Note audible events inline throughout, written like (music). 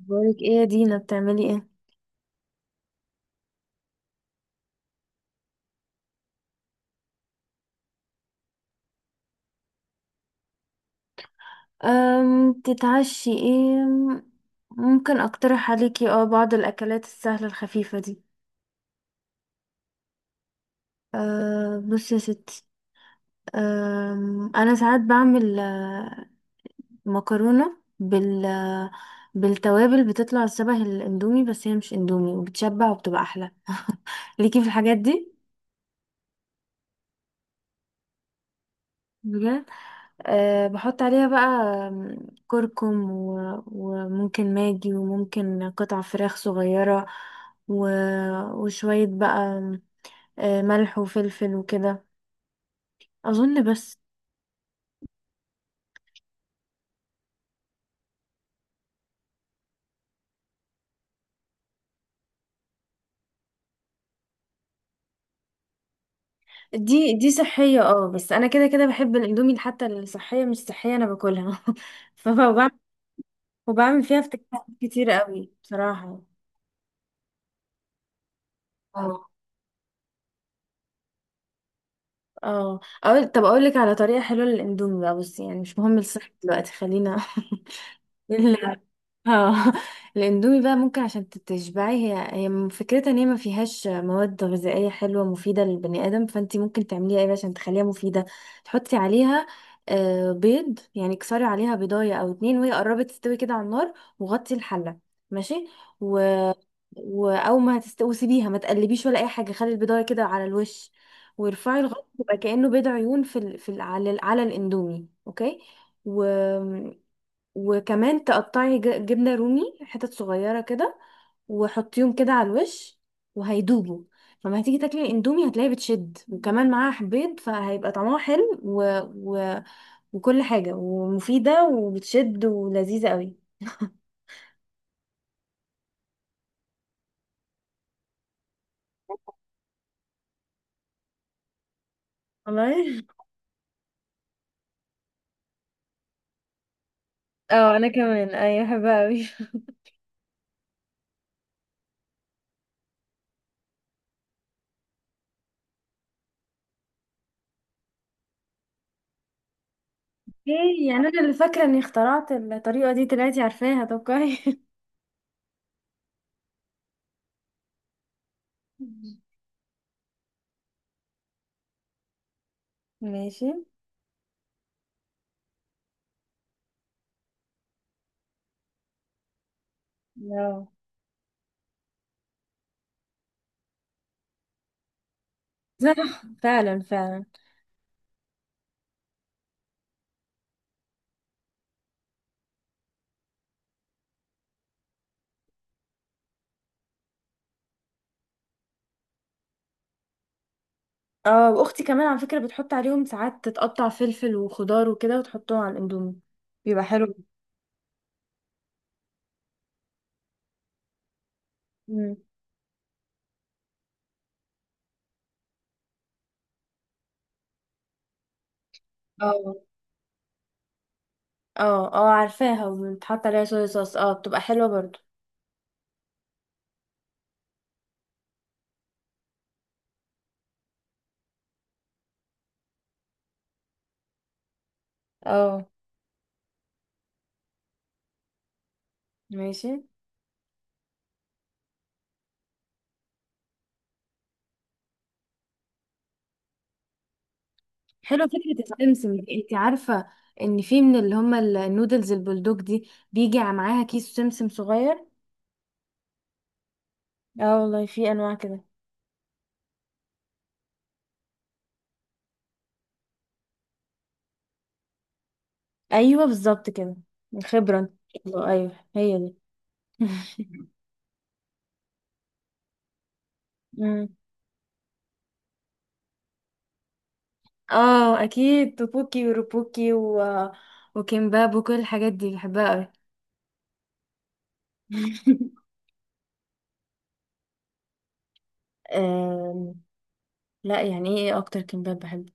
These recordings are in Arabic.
بقولك ايه، يا دينا، بتعملي ايه؟ تتعشي ايه؟ ممكن اقترح عليكي بعض الاكلات السهله الخفيفه دي. أه، بصي يا ستي. انا ساعات بعمل، مكرونه بالتوابل، بتطلع شبه الاندومي، بس هي مش اندومي وبتشبع وبتبقى احلى. ليكي في الحاجات دي؟ بجد. أه، بحط عليها بقى، آم، كركم، و- وممكن ماجي، وممكن قطع فراخ صغيرة، و... وشوية بقى، ملح وفلفل وكده. أظن بس. دي صحية. اه بس أنا كده كده بحب الأندومي، حتى الصحية مش صحية أنا باكلها. (laughs) فبعمل وبعمل فيها افتكاسات كتير قوي بصراحة. اه اه. طب أقولك على طريقة حلوة للأندومي بقى، بصي، يعني مش مهم الصحة دلوقتي، خلينا. (laughs) لا. اه. (laughs) الاندومي بقى، ممكن عشان تشبعي، هي هي فكرتها ان هي ما فيهاش مواد غذائيه حلوه مفيده للبني ادم، فانت ممكن تعمليها ايه بقى عشان تخليها مفيده. تحطي عليها بيض، يعني كسري عليها بيضايه او اتنين، وهي قربت تستوي كده على النار، وغطي الحله. ماشي. و... او ما هتستوي، وسيبيها، ما تقلبيش ولا اي حاجه، خلي البيضايه كده على الوش، وارفعي الغطا، تبقى كانه بيض عيون في ال... في ال... على ال... على الاندومي. اوكي. و... وكمان تقطعي جبنة رومي حتت صغيرة كده، وحطيهم كده على الوش وهيدوبوا. فما هتيجي تاكلي الاندومي، هتلاقيه بتشد، وكمان معاها بيض، فهيبقى طعمها حلو، و... وكل حاجة ومفيدة وبتشد ولذيذة قوي. والله. اه انا كمان، ايوه بحبها اوي. ايه يعني، انا اللي فاكرة اني اخترعت الطريقة دي، طلعتي عارفاها، طب كويس. (laughs) ماشي. لا. صح، فعلا فعلا. اه، واختي كمان على فكرة بتحط عليهم ساعات، تتقطع فلفل وخضار وكده وتحطهم على الاندومي، بيبقى حلو. مم. اه اه اه، عارفاها، وبتحط عليها صويا صوص، اه بتبقى حلوة برضو. اه ماشي. حلوة فكرة، السمسم دي. انت عارفة ان في من اللي هما النودلز البلدوج دي، بيجي معاها كيس سمسم صغير. اه والله، في انواع كده. ايوه بالظبط كده. خبرة إن شاء الله. ايوه، هي دي. (laughs) مم. اه اكيد، توبوكي وروبوكي، و... وكيمباب وكل الحاجات دي بحبها قوي. (laughs) أم... لا، يعني ايه اكتر كمباب بحبه؟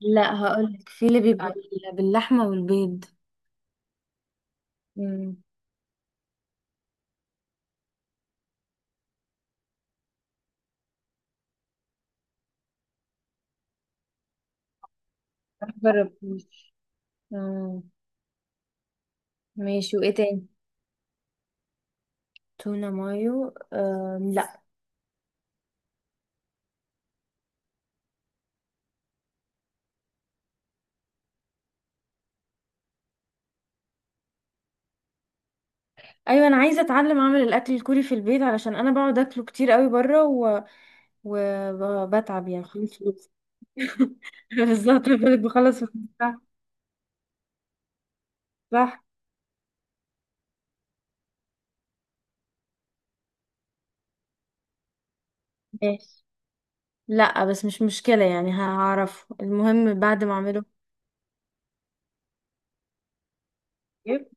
لا هقولك، في اللي بيبقى باللحمة والبيض. امم مجربتوش. مم. ماشي، وايه تاني؟ تونة مايو؟ لا. ايوه، انا عايزه اتعلم اعمل الاكل الكوري في البيت، علشان انا بقعد اكله كتير قوي بره، و... وبتعب يعني، خلاص فلوس. (laughs) بالظبط، بالك بخلص (laughs) فلوس. صح صح. ماشي، لا بس مش مشكلة، يعني هعرف، المهم بعد ما اعمله كتير.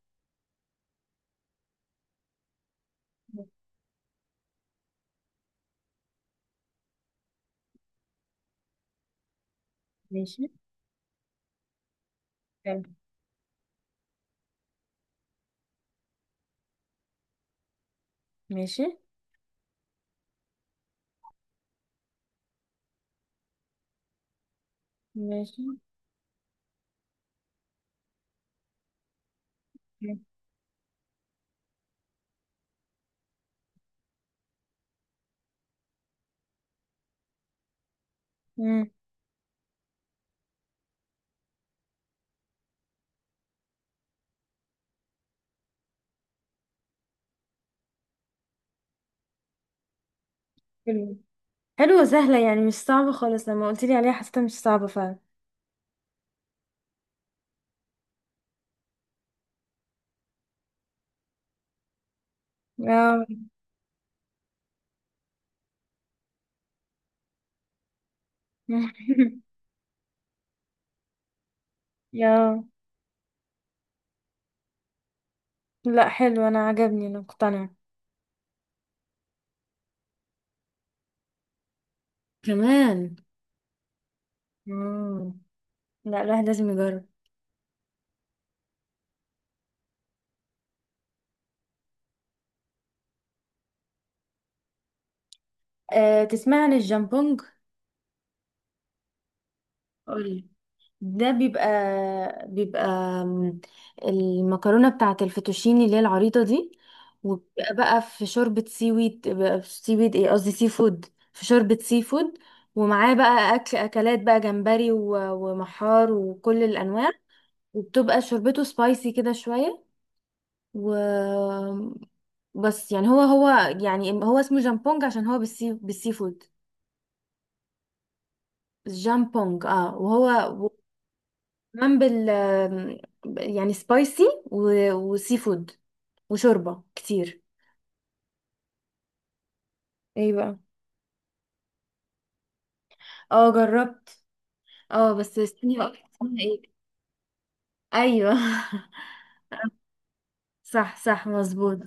ماشي. حلو. ماشي ماشي. حلو. مم. حلو. حلوة، سهلة، يعني مش صعبة خالص، لما قلت لي عليها حسيتها مش صعبة فعلا. اه. (laughs) يا. لا، حلو، انا عجبني، انا مقتنعة. كمان. مم. لا، الواحد لازم يجرب. أه، تسمع عن الجامبونج؟ قولي. ده بيبقى بيبقى م- المكرونة بتاعة الفيتوشيني اللي هي العريضة دي، وبيبقى بقى في شوربة سي ويد، بقى في سي ويد، ايه قصدي، سي فود. في شوربة سي فود، ومعاه بقى أكلات بقى جمبري، و- ومحار وكل الأنواع، وبتبقى شوربته سبايسي كده شوية. و، بس يعني هو هو، يعني هو اسمه جامبونج عشان هو بالسي فود. جامبونج اه. وهو كمان يعني سبايسي، و... وسي فود، وشوربة كتير. ايه بقى؟ اه جربت. اه بس استني بقى، (laughs) اسمها ايه؟ ايوه. (laughs) صح صح، مظبوط.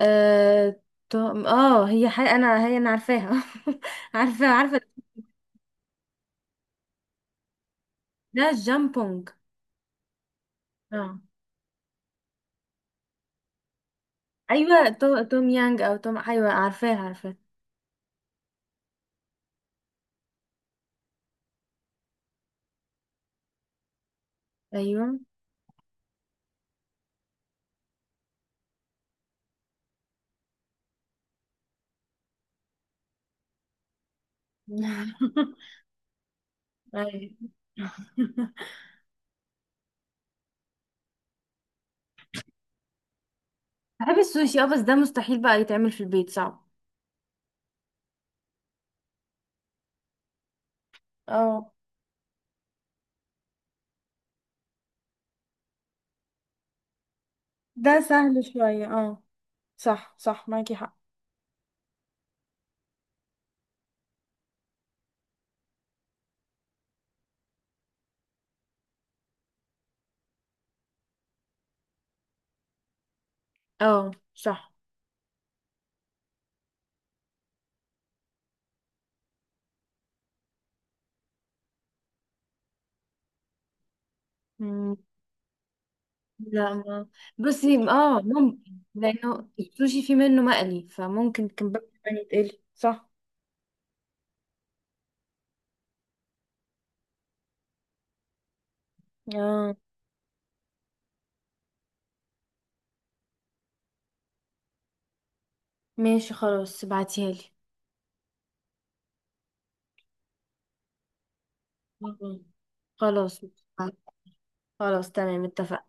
اه تو- اه هي حي... انا هي انا عارفاها. (laughs) عارفه عارفه. ده جامبونج اه. ايوه، توم يانج، او توم ايوه عارفاها عارفاها. ايوه. (laughs) ايوه. (laughs) بحب السوشي اه، بس ده مستحيل بقى يتعمل في البيت، صعب. اه، ده سهل شوية اه. صح صح، معاكي حق. اه صح. مم. لا ما، بصي اه، ممكن. لانه السوشي في منه مقلي، فممكن كان بقى يعني تقلي، صح. اه ماشي، خلاص ابعتيها لي. مم. خلاص. خلاص تمام، اتفقنا.